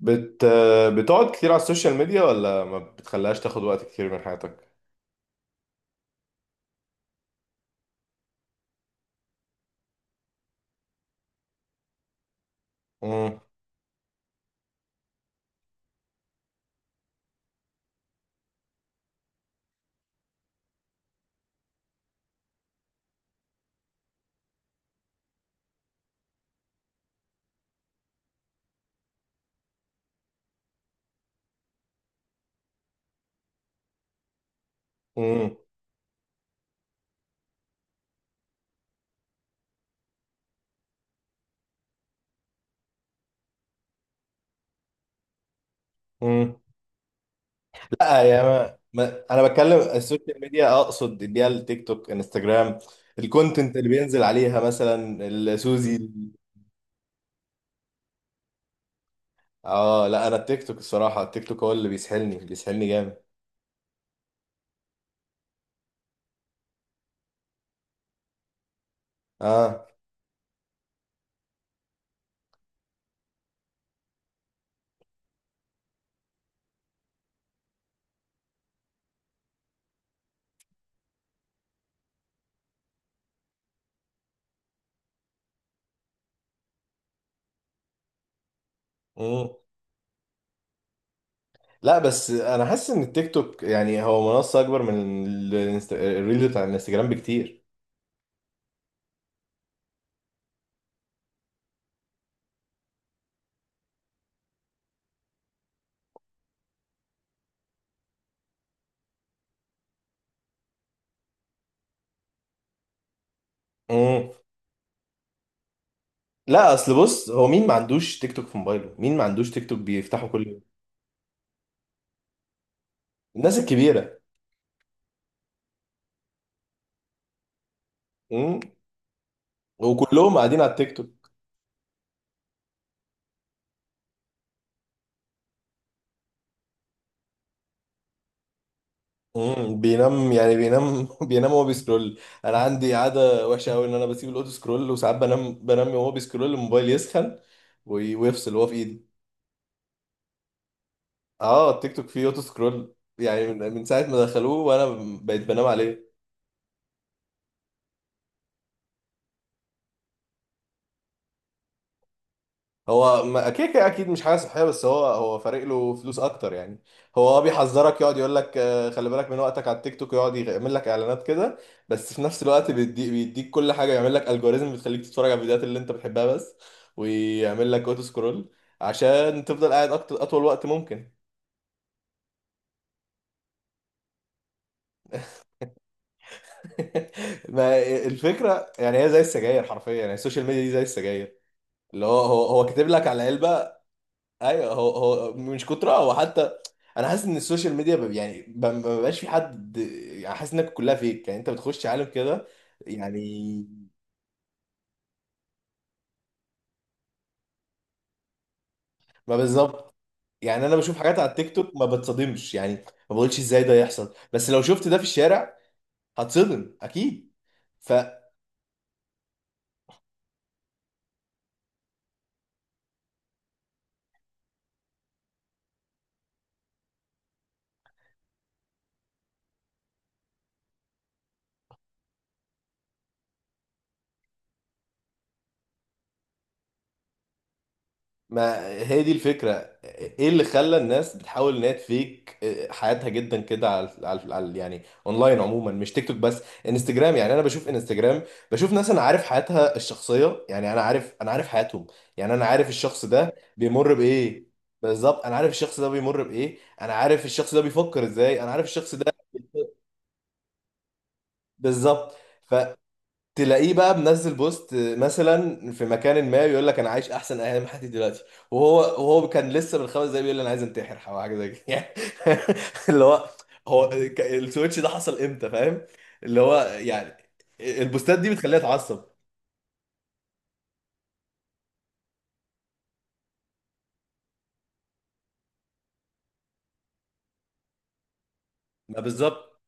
بت بتقعد كتير على السوشيال ميديا ولا ما بتخليهاش تاخد وقت كتير من حياتك؟ مم. مم. مم. لا يا ما. ما انا بتكلم السوشيال ميديا، اقصد اللي هي التيك توك انستجرام الكونتنت اللي بينزل عليها مثلا السوزي. اه لا انا التيك توك، الصراحة التيك توك هو اللي بيسحلني جامد. اه. مم. لا بس انا حاسس ان التيك توك يعني هو منصة اكبر من الريلز بتاع الانستجرام بكتير. مم. لا اصل بص، هو مين ما عندوش تيك توك في موبايله، مين ما عندوش تيك توك بيفتحه كل يوم؟ الناس الكبيره. امم. وكلهم قاعدين على التيك توك. امم، بينام يعني بينام بينام وهو بيسكرول. انا عندي عاده وحشه قوي ان انا بسيب الاوتو سكرول وساعات بنام وهو بيسكرول، الموبايل يسخن وي- ويفصل وهو في ايدي. اه التيك توك فيه اوتو سكرول، يعني من ساعه ما دخلوه وانا بقيت بنام عليه. هو كده كده اكيد مش حاجه صحيه، بس هو فارق له فلوس اكتر يعني. هو اه بيحذرك، يقعد يقول لك خلي بالك من وقتك على التيك توك، يقعد يعمل لك اعلانات كده، بس في نفس الوقت بيديك كل حاجه، يعمل لك الجوريزم بتخليك تتفرج على الفيديوهات اللي انت بتحبها بس، ويعمل لك اوتو سكرول عشان تفضل قاعد أكتر، اطول وقت ممكن. ما الفكره يعني هي زي السجاير حرفيا، يعني السوشيال ميديا دي زي السجاير اللي هو كاتب لك على علبه. ايوه، هو مش كتر، هو حتى انا حاسس ان السوشيال ميديا ما بقاش في حد، يعني حاسس انك كلها فيك، يعني انت بتخش عالم كده يعني. ما بالظبط، يعني انا بشوف حاجات على التيك توك ما بتصدمش، يعني ما بقولش ازاي ده يحصل، بس لو شفت ده في الشارع هتصدم اكيد. ف ما هي دي الفكرة، ايه اللي خلى الناس بتحاول ان هي تفيك حياتها جدا كده يعني اونلاين عموما، مش تيك توك بس، انستجرام يعني. انا بشوف انستجرام، بشوف ناس انا عارف حياتها الشخصية، يعني انا عارف حياتهم، يعني انا عارف الشخص ده بيمر بايه. بالظبط، انا عارف الشخص ده بيمر بايه، انا عارف الشخص ده بيفكر ازاي، انا عارف الشخص ده. بالظبط. تلاقيه بقى منزل بوست مثلا في مكان ما، يقول لك انا عايش احسن ايام حياتي دلوقتي، وهو كان لسه من 5 دقايق بيقول لي انا عايز انتحر او حاجه زي كده يعني، اللي هو، السويتش ده حصل امتى؟ فاهم؟ اللي هو يعني البوستات دي بتخليها اتعصب. ما بالظبط،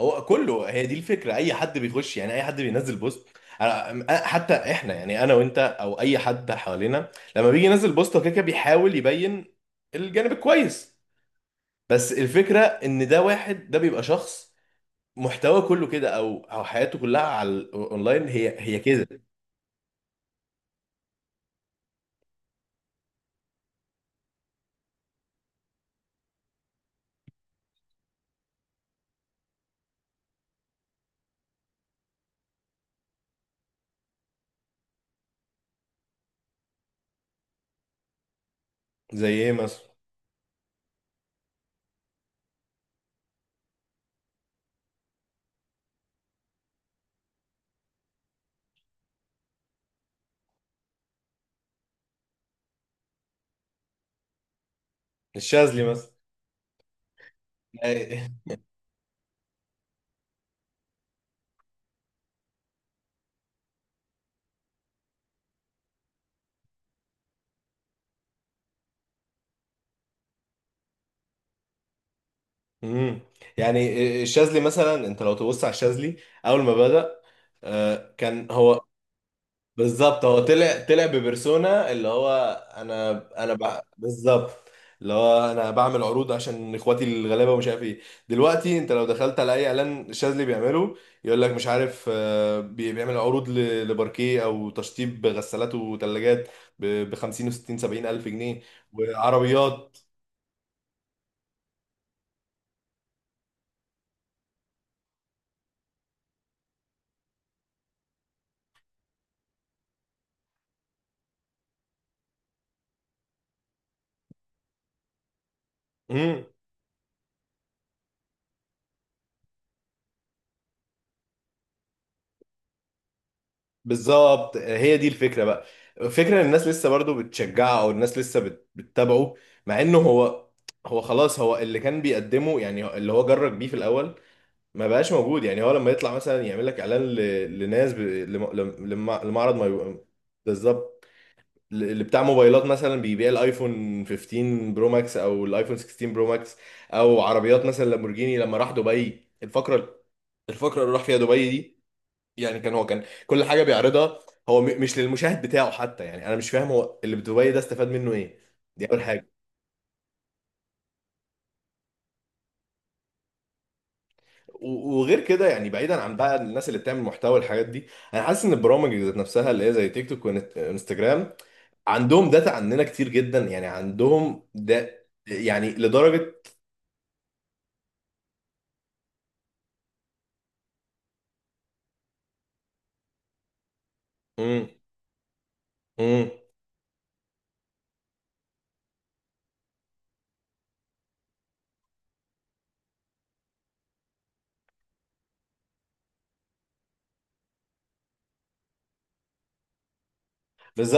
هو كله هي دي الفكره، اي حد بيخش يعني اي حد بينزل بوست، حتى احنا يعني انا وانت او اي حد حوالينا، لما بيجي ينزل بوست هو كده كده بيحاول يبين الجانب الكويس، بس الفكرة ان ده واحد، ده بيبقى شخص محتواه كله كده، او حياته كلها على الاونلاين هي كده. زي ايه مثلا؟ الشاذلي مثلا. امم، يعني الشاذلي مثلا، انت لو تبص على الشاذلي اول ما بدأ، كان هو. بالظبط، هو طلع ببرسونا اللي هو انا، بالظبط، اللي هو انا بعمل عروض عشان اخواتي الغلابه ومش عارف ايه. دلوقتي انت لو دخلت على اي اعلان شاذلي بيعمله، يقول لك مش عارف، بيعمل عروض لباركيه او تشطيب غسالات وثلاجات ب 50 و 60 70 الف جنيه وعربيات. بالظبط هي دي الفكره بقى. الفكره ان الناس لسه برضو بتشجعه، او الناس لسه بتتابعه، مع انه هو، هو خلاص هو اللي كان بيقدمه يعني، اللي هو جرب بيه في الاول، ما بقاش موجود. يعني هو لما يطلع مثلا يعمل لك اعلان ل- لناس ب... لم... لم... لم- لمعرض، ما يبقى- بالظبط، اللي بتاع موبايلات مثلا، بيبيع الايفون 15 برو ماكس او الايفون 16 برو ماكس، او عربيات مثلا لامبورجيني. لما راح دبي الفقره، الفقره اللي راح فيها دبي دي، يعني كان هو كان كل حاجه بيعرضها هو مش للمشاهد بتاعه حتى. يعني انا مش فاهم، هو اللي بدبي ده استفاد منه ايه؟ دي اول حاجه. و- وغير كده يعني بعيدا عن بقى الناس اللي بتعمل محتوى والحاجات دي، انا حاسس ان البرامج ذات نفسها اللي هي زي تيك توك وانستجرام، عندهم داتا عننا كتير جدا، يعني عندهم ده يعني لدرجه. مم. مم. بز...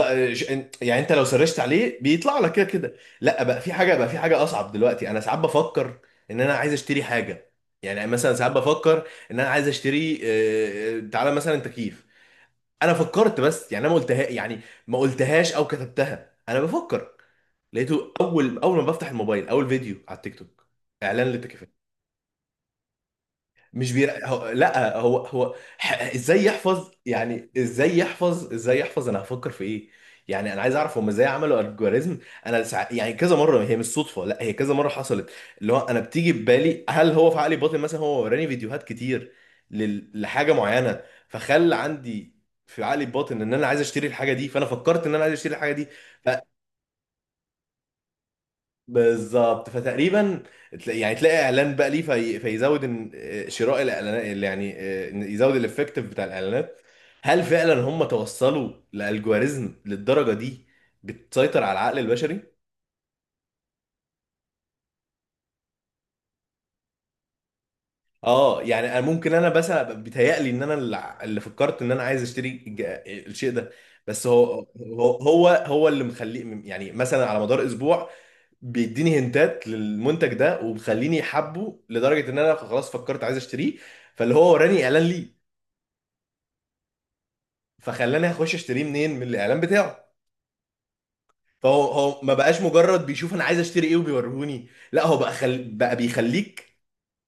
يعني انت لو سرشت عليه بيطلع لك كده كده، لا بقى في حاجه، بقى في حاجه اصعب. دلوقتي انا ساعات بفكر ان انا عايز اشتري حاجه، يعني مثلا ساعات بفكر ان انا عايز اشتري، تعالى مثلا تكييف، انا فكرت بس يعني انا ما قلتها يعني، ما قلتهاش او كتبتها، انا بفكر، لقيته اول ما بفتح الموبايل اول فيديو على التيك توك اعلان للتكييفات. مش بير... هو... لا هو هو ح... ازاي يحفظ؟ يعني ازاي يحفظ انا هفكر في ايه؟ يعني انا عايز اعرف هم ازاي عملوا الجوريزم. يعني كذا مره، هي مش صدفه، لا هي كذا مره حصلت، اللي هو انا بتيجي ببالي هل هو في عقلي باطن، مثلا هو وراني فيديوهات كتير لحاجه معينه، فخلى عندي في عقلي الباطن ان انا عايز اشتري الحاجه دي، فانا فكرت ان انا عايز اشتري الحاجه دي. ف... بالظبط، فتقريبا تلاقي يعني تلاقي اعلان بقى ليه في، فيزود شراء الاعلانات اللي يعني، إن يزود الافكتيف بتاع الاعلانات. هل فعلا هم توصلوا لالجوريزم للدرجه دي بتسيطر على العقل البشري؟ اه يعني انا ممكن انا بس بيتهيألي ان انا اللي فكرت ان انا عايز اشتري الشيء ده، بس هو اللي مخليه، يعني مثلا على مدار اسبوع بيديني هنتات للمنتج ده، وبخليني حبه لدرجه ان انا خلاص فكرت عايز اشتريه، فاللي هو وراني اعلان ليه، فخلاني اخش اشتريه منين؟ من الاعلان بتاعه. فهو ما بقاش مجرد بيشوف انا عايز اشتري ايه وبيوريهوني، لا هو بقى بيخليك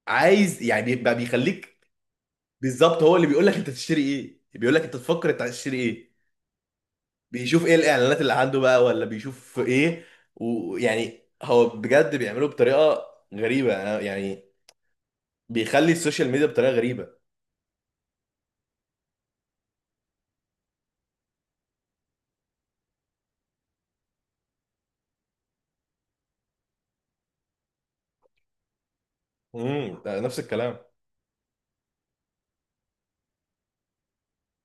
عايز، يعني بقى بيخليك. بالظبط، هو اللي بيقول لك انت تشتري ايه، بيقول لك انت تفكر انت هتشتري ايه، بيشوف ايه الاعلانات اللي عنده بقى، ولا بيشوف ايه. ويعني هو بجد بيعمله بطريقه غريبه، أنا يعني بيخلي السوشيال ميديا بطريقه غريبه. امم، ده نفس الكلام.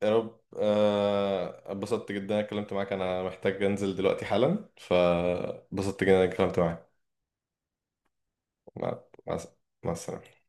يا رب. اتبسطت جدا إني اتكلمت معاك، انا محتاج انزل دلوقتي حالا، فبسطت جدا إني اتكلمت معاك. مع مع السلامه.